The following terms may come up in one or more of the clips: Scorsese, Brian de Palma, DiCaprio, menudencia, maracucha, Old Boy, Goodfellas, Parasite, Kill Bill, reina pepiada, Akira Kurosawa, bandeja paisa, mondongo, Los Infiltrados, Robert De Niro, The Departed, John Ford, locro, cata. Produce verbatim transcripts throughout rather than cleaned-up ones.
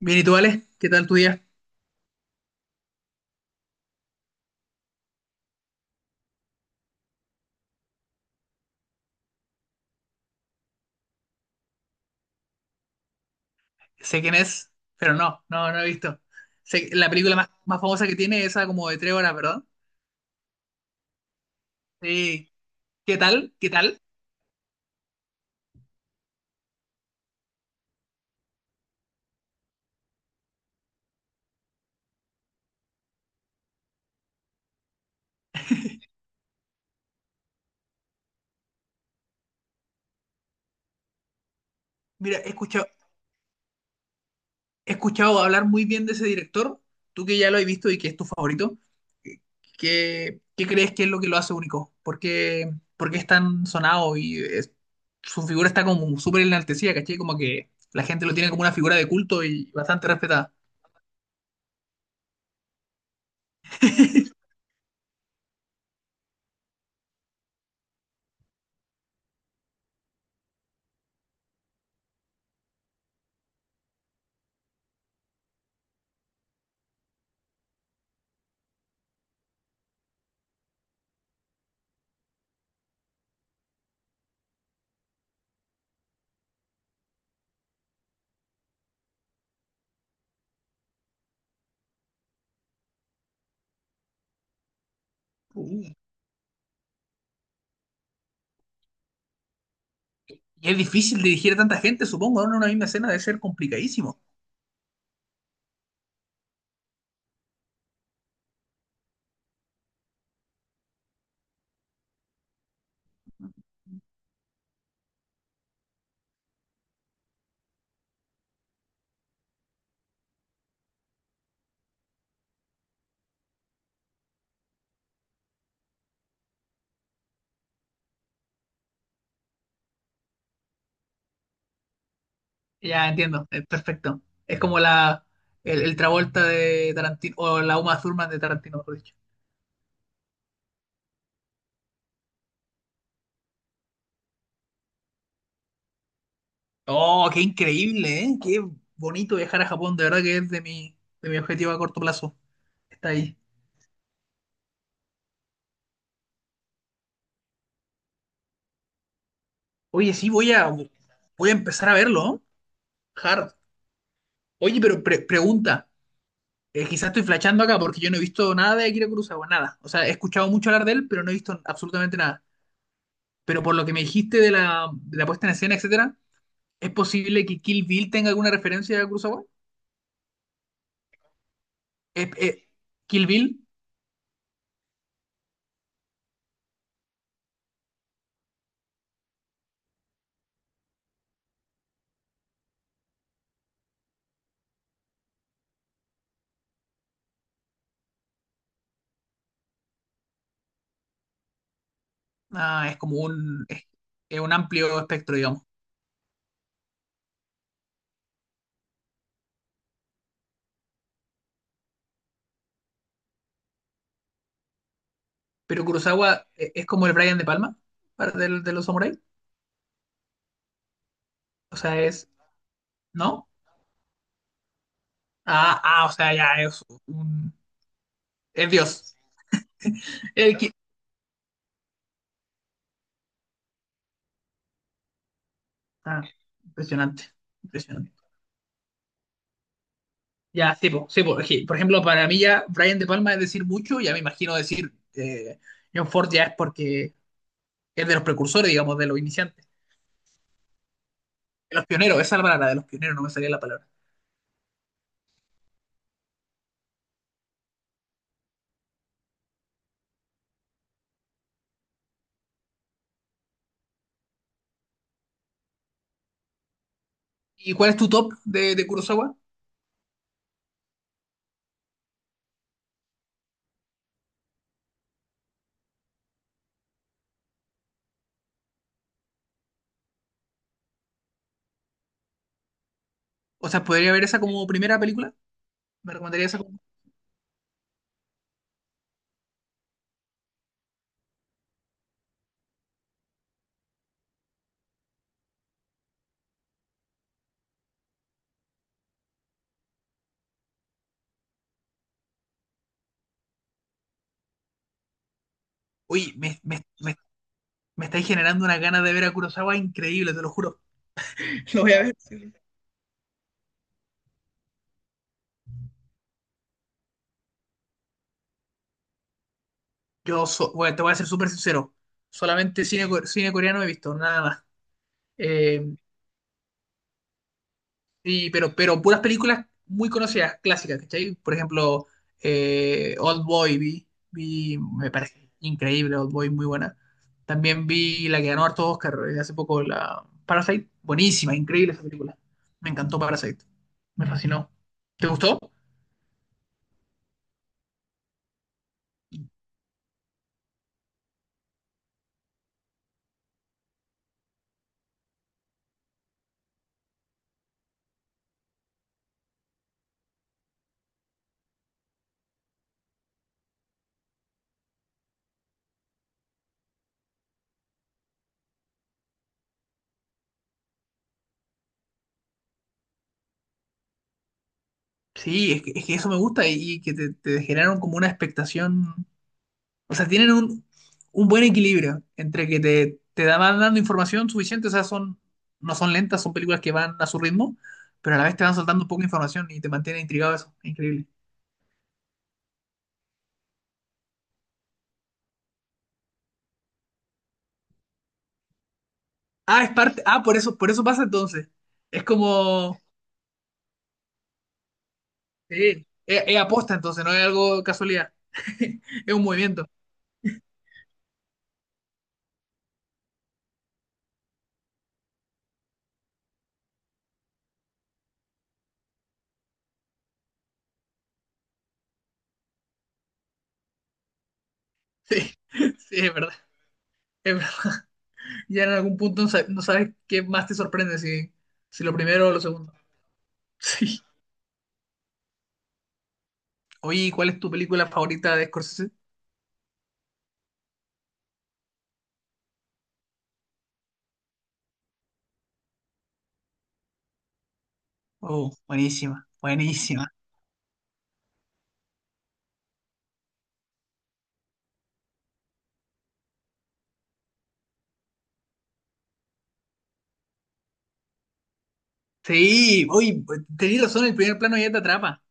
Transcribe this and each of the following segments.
Bien, ¿y tú, Ale? ¿Qué tal tu día? Sé quién es, pero no, no, no he visto. Sé que la película más, más famosa que tiene es esa como de tres horas, ¿verdad? Sí. ¿Qué tal? ¿Qué tal? Mira, he escuchado, he escuchado hablar muy bien de ese director. Tú que ya lo has visto y que es tu favorito, ¿qué, qué crees que es lo que lo hace único? ¿Por qué, por qué es tan sonado y es- su figura está como súper enaltecida, ¿cachai? Como que la gente lo tiene como una figura de culto y bastante respetada. Y es difícil dirigir a tanta gente, supongo, ¿no? En una misma escena debe ser complicadísimo. Ya entiendo, es perfecto. Es como la el, el Travolta de Tarantino, o la Uma Thurman de Tarantino, mejor dicho. Oh, qué increíble, ¿eh? Qué bonito viajar a Japón, de verdad que es de mi, de mi objetivo a corto plazo. Está ahí. Oye, sí, voy a, voy a empezar a verlo, ¿eh? Hard. Oye, pero pre- pregunta, eh, quizás estoy flasheando acá porque yo no he visto nada de Akira Kurosawa, nada. O sea, he escuchado mucho hablar de él, pero no he visto absolutamente nada. Pero por lo que me dijiste de la, de la puesta en escena, etcétera, ¿es posible que Kill Bill tenga alguna referencia a Kurosawa? Es- es- eh, Kill Bill, ah, es como un, es, es un amplio espectro, digamos. Pero Kurosawa, eh, es como el Brian de Palma para- del- de, los samuráis. O sea, es. ¿No? Ah, ah, o sea, ya es un. Es Dios. El Ki- ah, impresionante. Impresionante. Ya, sí, po, sí, po, es que, por ejemplo, para mí ya Brian de Palma es decir mucho, ya me imagino decir eh, John Ford ya es porque es de los precursores, digamos, de los iniciantes. De los pioneros, esa es la palabra, de los pioneros, no me salía la palabra. ¿Y cuál es tu top de, de Kurosawa? O sea, ¿podría ver esa como primera película? ¿Me recomendaría esa como... Oye, me, me, me, me estáis generando una ganas de ver a Kurosawa increíble, te lo juro. Lo voy a ver. Sí. Yo so- bueno, te voy a ser súper sincero. Solamente cine, co- cine coreano he visto, nada más. Eh, Sí, pero, pero puras películas muy conocidas, clásicas, ¿cachai? Por ejemplo, eh, Old Boy vi, vi- me parece increíble, Old Boy, muy buena. También vi la que ganó harto Oscar, eh, hace poco, la Parasite, buenísima, increíble esa película. Me encantó Parasite, me fascinó. ¿Te gustó? Sí, es que, es que eso me gusta y, y que te, te generaron como una expectación. O sea, tienen un, un buen equilibrio entre que te, te da- van dando información suficiente, o sea, son, no son lentas, son películas que van a su ritmo, pero a la vez te van soltando poca información y te mantiene intrigado eso. Increíble. Ah, es parte, ah, por eso, por eso pasa entonces. Es como, sí, es, es aposta entonces, no es algo casualidad. Es un movimiento. Sí, sí, es verdad. Es verdad. Ya en algún punto no sa- no sabes qué más te sorprende, si, si lo primero o lo segundo. Sí. Oye, ¿y cuál es tu película favorita de Scorsese? Oh, buenísima, buenísima. Sí, hoy tenés razón, el primer plano ya te atrapa.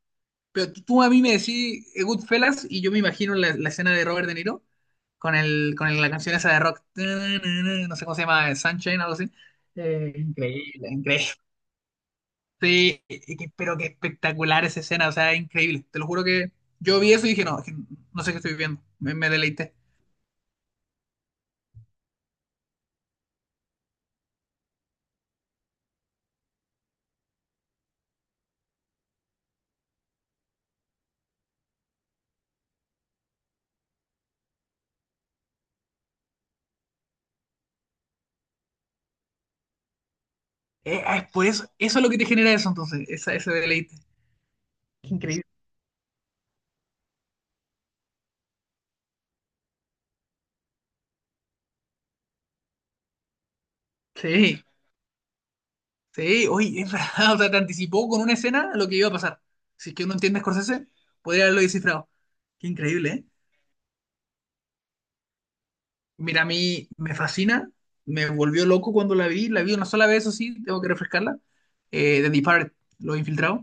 Pero tú tú a mí me decís, eh, Goodfellas, y yo me imagino la, la escena de Robert De Niro con el, con el- la canción esa de rock. No sé cómo se llama, eh, Sunshine, algo así. Eh, increíble, increíble. Sí, y que- pero qué espectacular esa escena, o sea, increíble. Te lo juro que yo vi eso y dije, no, que no sé qué estoy viendo. Me, me deleité. Eh, ah, es por eso, eso es lo que te genera eso entonces, esa, ese deleite. Sí. Sí, oye, es verdad, o sea, te anticipó con una escena lo que iba a pasar. Si es que uno entiende a Scorsese, podría haberlo descifrado. Qué increíble, ¿eh? Mira, a mí me fascina, me volvió loco cuando la vi, la vi una sola vez, eso sí, tengo que refrescarla. Eh, The Departed, Los Infiltrados,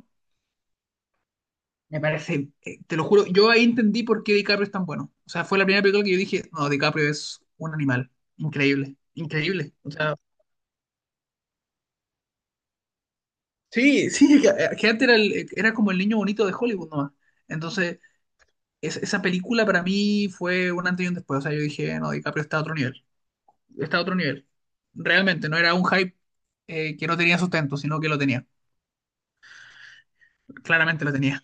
me parece, eh, te lo juro, yo ahí entendí por qué DiCaprio es tan bueno. O sea, fue la primera película que yo dije, no, DiCaprio es un animal, increíble, increíble. O sea, sí, sí, que, eh, que antes era, el- eh, era como el niño bonito de Hollywood nomás. Entonces... es- esa película para mí fue un antes y un después. O sea, yo dije, no, DiCaprio está a otro nivel. Está a otro nivel. Realmente, no era un hype, eh, que no tenía sustento, sino que lo tenía. Claramente lo tenía.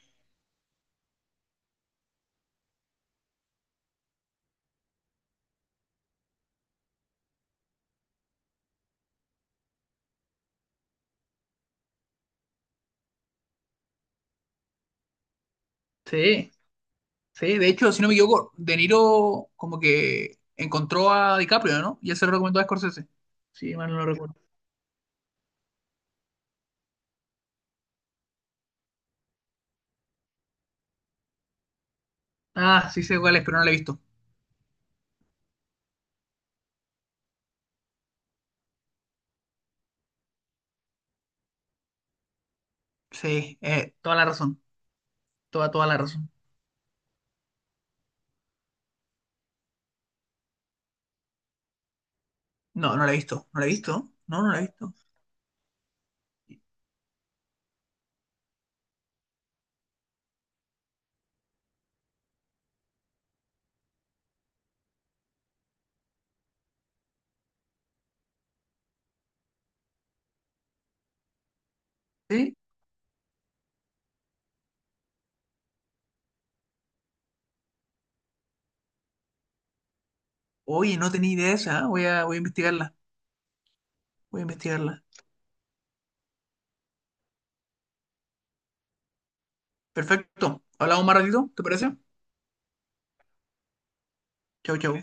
Sí, sí. De hecho, si no me equivoco, De Niro como que encontró a DiCaprio, ¿no? Y él se lo recomendó a Scorsese. Sí, mal no lo recuerdo. Ah, sí sé cuál es, pero no la he visto. Sí, eh, toda la razón. Toda, toda la razón. No, no la he visto. ¿No la he visto? No, no la he visto. Sí. Oye, no tenía idea esa, ¿eh? Voy a, voy a investigarla. Voy a investigarla. Perfecto. Hablamos más ratito, ¿te parece? Chau, chau.